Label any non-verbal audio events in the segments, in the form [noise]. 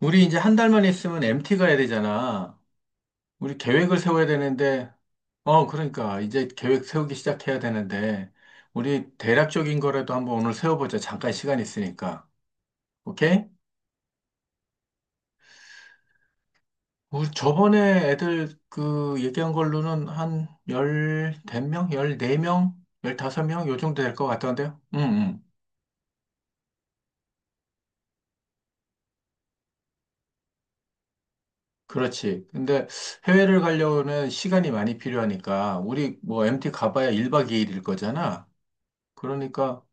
우리 이제 한 달만 있으면 MT 가야 되잖아. 우리 계획을 세워야 되는데, 그러니까 이제 계획 세우기 시작해야 되는데, 우리 대략적인 거라도 한번 오늘 세워보자. 잠깐 시간 있으니까. 오케이? 우리 저번에 애들 그 얘기한 걸로는 한 대명? 열네 명? 열다섯 명? 요 정도 될 것 같던데요? 응, 응. 그렇지. 근데 해외를 가려면 시간이 많이 필요하니까, 우리 뭐 MT 가봐야 1박 2일일 거잖아. 그러니까,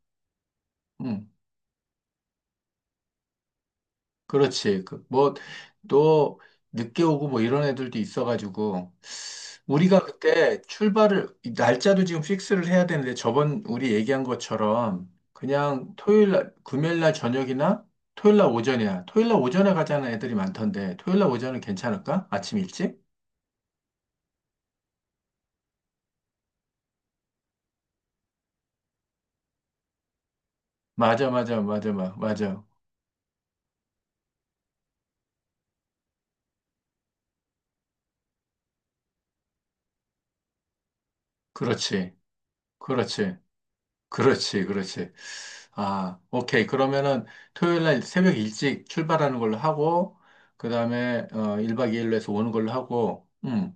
응. 그렇지. 그, 뭐, 또, 늦게 오고 뭐 이런 애들도 있어가지고, 우리가 그때 이 날짜도 지금 픽스를 해야 되는데, 저번 우리 얘기한 것처럼, 그냥 금요일 날 저녁이나 토요일 날 오전이야. 토요일 날 오전에 가자는 애들이 많던데, 토요일 날 오전은 괜찮을까? 아침 일찍? 맞아, 맞아, 맞아, 맞아. 맞아. 그렇지. 그렇지. 그렇지. 그렇지. 아, 오케이. 그러면은 토요일 날 새벽 일찍 출발하는 걸로 하고, 그 다음에 1박 2일로 해서 오는 걸로 하고,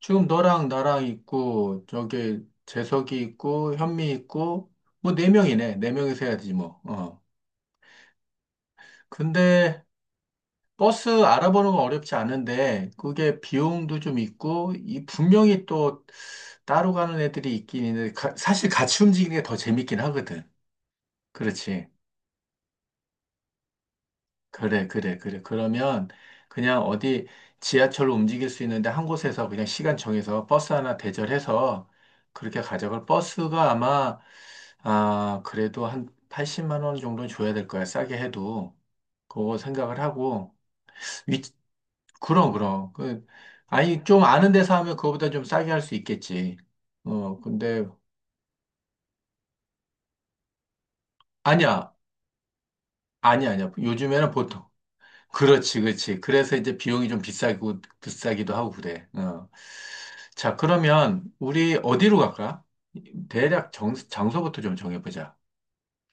지금 너랑 나랑 있고, 저기 재석이 있고, 현미 있고, 뭐 네 명이네. 네 명이서 해야지 뭐. 어. 근데 버스 알아보는 건 어렵지 않은데, 그게 비용도 좀 있고, 이 분명히 또 따로 가는 애들이 있긴 있는데, 사실 같이 움직이는 게 더 재밌긴 하거든. 그렇지. 그래, 그래, 그래. 그러면 그냥 어디 지하철로 움직일 수 있는데 한 곳에서 그냥 시간 정해서 버스 하나 대절해서 그렇게 가져갈 버스가 아마, 아, 그래도 한 80만 원 정도 줘야 될 거야. 싸게 해도. 그거 생각을 하고. 위, 그럼, 그럼. 아니, 좀 아는 데서 하면 그거보다 좀 싸게 할 수 있겠지. 근데, 아니야. 아니야, 아니야. 요즘에는 보통, 그렇지, 그렇지. 그래서 이제 비용이 좀 비싸고, 비싸기도 하고 그래. 어. 자, 그러면 우리 어디로 갈까? 대략 장소부터 좀 정해보자.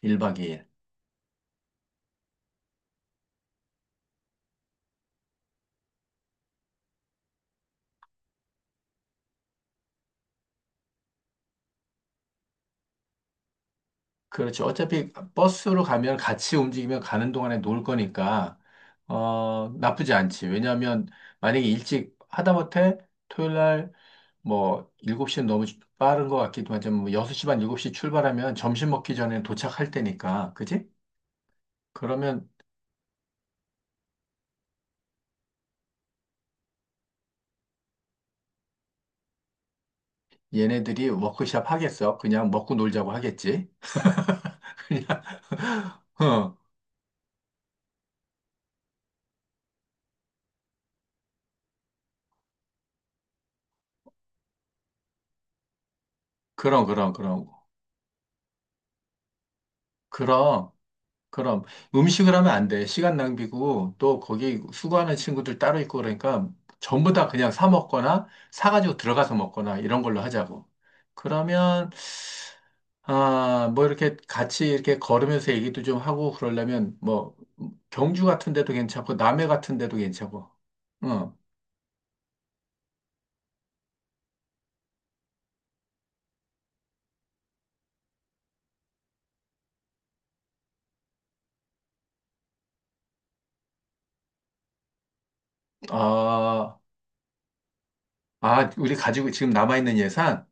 1박 2일. 그렇지. 어차피 버스로 가면 같이 움직이면 가는 동안에 놀 거니까, 나쁘지 않지. 왜냐하면 만약에 일찍 하다못해 토요일 날 뭐 7시는 너무 빠른 것 같기도 하지만 뭐 6시 반, 7시 출발하면 점심 먹기 전에 도착할 때니까. 그지? 그러면 얘네들이 워크숍 하겠어? 그냥 먹고 놀자고 하겠지? [laughs] 그냥, 그럼, 그럼, 그럼. 그럼, 그럼. 음식을 하면 안 돼. 시간 낭비고, 또 거기 수고하는 친구들 따로 있고 그러니까 전부 다 그냥 사 먹거나, 사가지고 들어가서 먹거나, 이런 걸로 하자고. 그러면, 아, 뭐 이렇게 같이 이렇게 걸으면서 얘기도 좀 하고 그러려면, 뭐, 경주 같은 데도 괜찮고, 남해 같은 데도 괜찮고, 응. 아, 아, 우리 가지고 지금 남아있는 예산?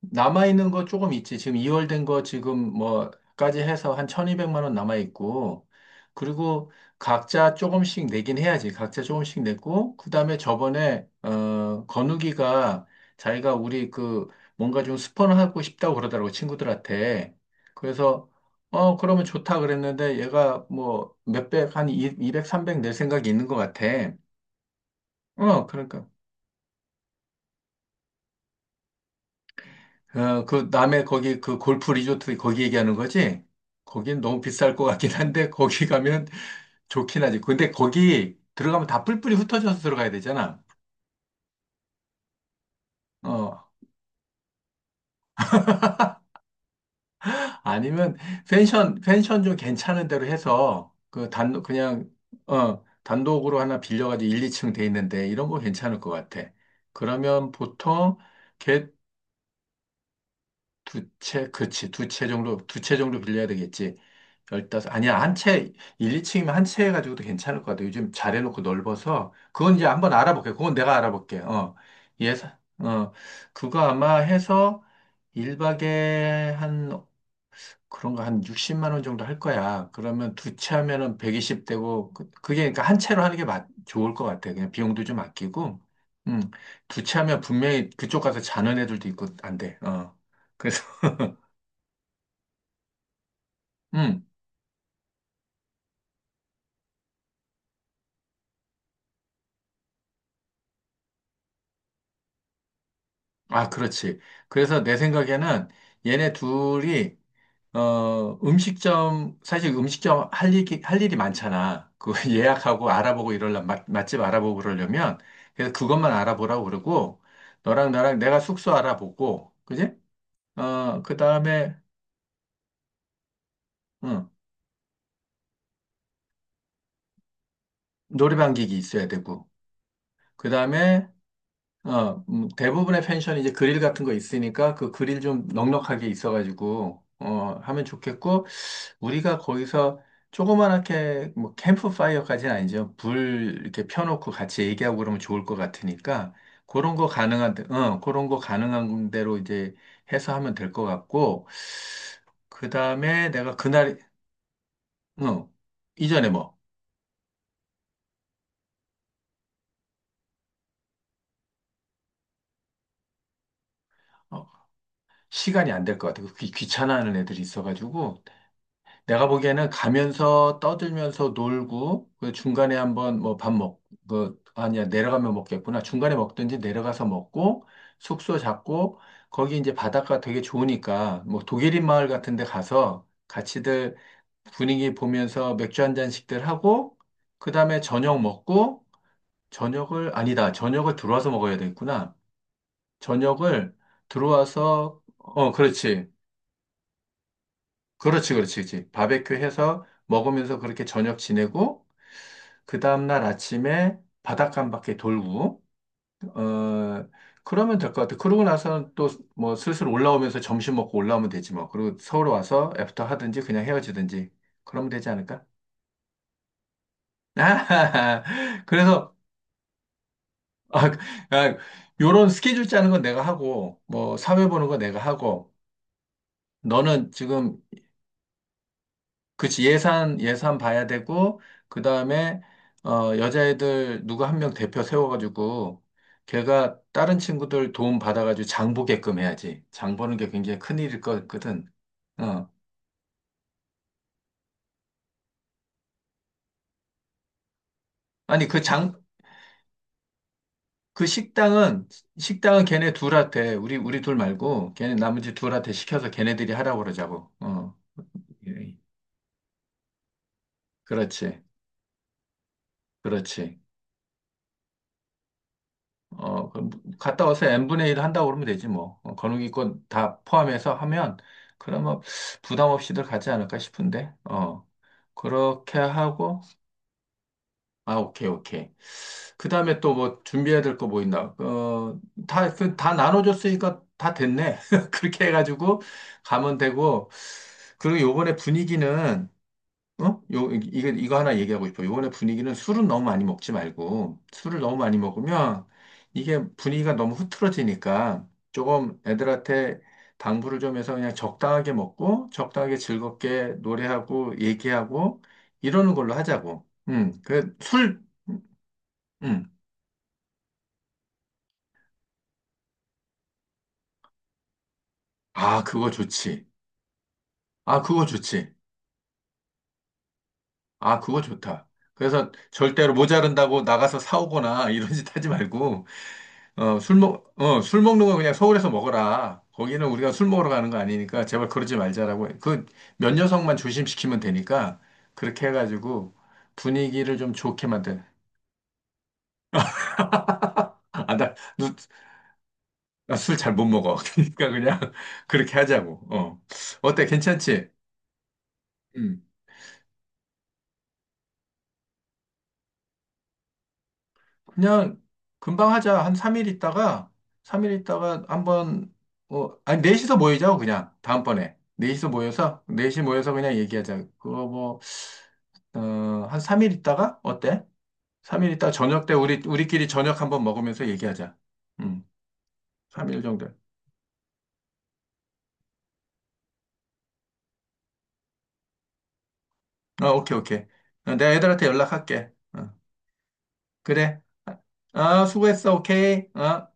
남아있는 거 조금 있지. 지금 2월 된 거 지금 뭐까지 해서 한 1,200만 원 남아있고, 그리고 각자 조금씩 내긴 해야지. 각자 조금씩 냈고, 그 다음에 저번에, 건우기가 자기가 우리 그 뭔가 좀 스폰하고 싶다고 그러더라고, 친구들한테. 그래서, 그러면 좋다 그랬는데 얘가 뭐 몇백, 한 200, 300 낼 생각이 있는 것 같아. 어, 그러니까. 어, 그 남해 거기 그 골프 리조트 거기 얘기하는 거지? 거긴 너무 비쌀 것 같긴 한데 거기 가면 좋긴 하지. 근데 거기 들어가면 다 뿔뿔이 흩어져서 들어가야 되잖아. 어, 아니면 펜션 좀 괜찮은 데로 해서 그 단 그냥 단독으로 하나 빌려가지고 1, 2층 돼 있는데 이런 거 괜찮을 것 같아. 그러면 보통 걔 두 채, 그치. 두 채 정도, 두 채 정도 빌려야 되겠지. 열다섯, 아니야. 한 채, 이층이면한 채 해가지고도 괜찮을 것 같아. 요즘 잘 해놓고 넓어서. 그건 이제 한번 알아볼게. 그건 내가 알아볼게. 어. 예산, 어. 그거 아마 해서 일박에한 그런 거 한 60만 원 정도 할 거야. 그러면 두 채 하면은 120 되고, 그게 그러니까 한 채로 하는 게 맞, 좋을 것 같아. 그냥 비용도 좀 아끼고. 음. 두 채 하면 분명히 그쪽 가서 자는 애들도 있고, 안 돼. 어. 그래서. [laughs] 아, 그렇지. 그래서 내 생각에는 얘네 둘이, 사실 음식점 할 일이 많잖아. 그 [laughs] 예약하고 알아보고 이러려면, 맛집 알아보고 그러려면, 그래서 그것만 알아보라고 그러고, 너랑 나랑 내가 숙소 알아보고, 그지? 어, 그 다음에, 응, 노래방 기기 있어야 되고, 그 다음에, 대부분의 펜션이 이제 그릴 같은 거 있으니까 그 그릴 좀 넉넉하게 있어가지고, 하면 좋겠고, 우리가 거기서 조그맣게 뭐 캠프파이어까지는 아니죠. 불 이렇게 펴놓고 같이 얘기하고 그러면 좋을 것 같으니까 그런 거 가능한 대로 이제 해서 하면 될 것 같고 그 다음에 내가 어, 이전에 뭐 어, 시간이 안될 것 같아요. 귀찮아하는 애들이 있어가지고 내가 보기에는 가면서 떠들면서 놀고, 그 중간에 한번 뭐 아니야, 내려가면 먹겠구나. 중간에 먹든지 내려가서 먹고, 숙소 잡고, 거기 이제 바닷가 되게 좋으니까, 뭐 독일인 마을 같은 데 가서 같이들 분위기 보면서 맥주 한 잔씩들 하고, 그 다음에 저녁 먹고, 저녁을, 아니다, 저녁을 들어와서 먹어야 되겠구나. 저녁을 들어와서, 어, 그렇지. 그렇지, 그렇지, 그렇지. 바베큐 해서 먹으면서 그렇게 저녁 지내고, 그 다음날 아침에 바닷가 한 바퀴 돌고, 어, 그러면 될 것 같아. 그러고 나서는 또 뭐 슬슬 올라오면서 점심 먹고 올라오면 되지 뭐. 그리고 서울 와서 애프터 하든지 그냥 헤어지든지. 그러면 되지 않을까? [laughs] 그래서, 아, 아, 요런 스케줄 짜는 건 내가 하고, 뭐 사회 보는 건 내가 하고, 너는 지금 그치, 예산 봐야 되고, 그 다음에, 여자애들 누구 한 명 대표 세워가지고, 걔가 다른 친구들 도움 받아가지고 장 보게끔 해야지. 장 보는 게 굉장히 큰일일 거거든. 어. 아니, 그 식당은, 식당은 걔네 둘한테, 우리 둘 말고, 걔네 나머지 둘한테 시켜서 걔네들이 하라고 그러자고. 어. 예. 그렇지, 그렇지. 그럼 갔다 와서 n분의 1 한다고 그러면 되지 뭐. 거누기권 다 포함해서 하면 그러면 부담 없이들 가지 않을까 싶은데. 어, 그렇게 하고 아, 오케이, 오케이. 그다음에 또 뭐 준비해야 될 거 뭐 있나? 다 나눠줬으니까 다 됐네. [laughs] 그렇게 해가지고 가면 되고. 그리고 요번에 분위기는 어? 요, 이- 거 이거 하나 얘기하고 싶어. 요번에 분위기는 술은 너무 많이 먹지 말고, 술을 너무 많이 먹으면 이게 분위기가 너무 흐트러지니까 조금 애들한테 당부를 좀 해서 그냥 적당하게 먹고, 적당하게 즐겁게 노래하고, 얘기하고, 이러는 걸로 하자고. 음. 아, 그거 좋지. 아, 그거 좋지. 아, 그거 좋다. 그래서 절대로 모자른다고 나가서 사오거나 [laughs] 이런 짓 하지 말고, 술 먹는 거 그냥 서울에서 먹어라. 거기는 우리가 술 먹으러 가는 거 아니니까 제발 그러지 말자라고. 그 몇 녀석만 조심시키면 되니까 그렇게 해가지고 분위기를 좀 좋게 만든. 아, 나 술 잘 못 먹어. [laughs] 그러니까 그냥 [laughs] 그렇게 하자고. 어. 어때? 괜찮지? 음. 그냥 금방 하자. 한 3일 있다가, 3일 있다가 한번, 아니, 넷이서 모이자고, 그냥. 다음번에. 넷이서 모여서, 넷이 모여서 그냥 얘기하자. 그거 뭐, 어, 한 3일 있다가? 어때? 3일 있다가 저녁 때 우리끼리 저녁 한번 먹으면서 얘기하자. 음, 3일 정도. 어, 오케이, 오케이. 내가 애들한테 연락할게. 어, 그래. 아, 수고했어. 오케이. 어.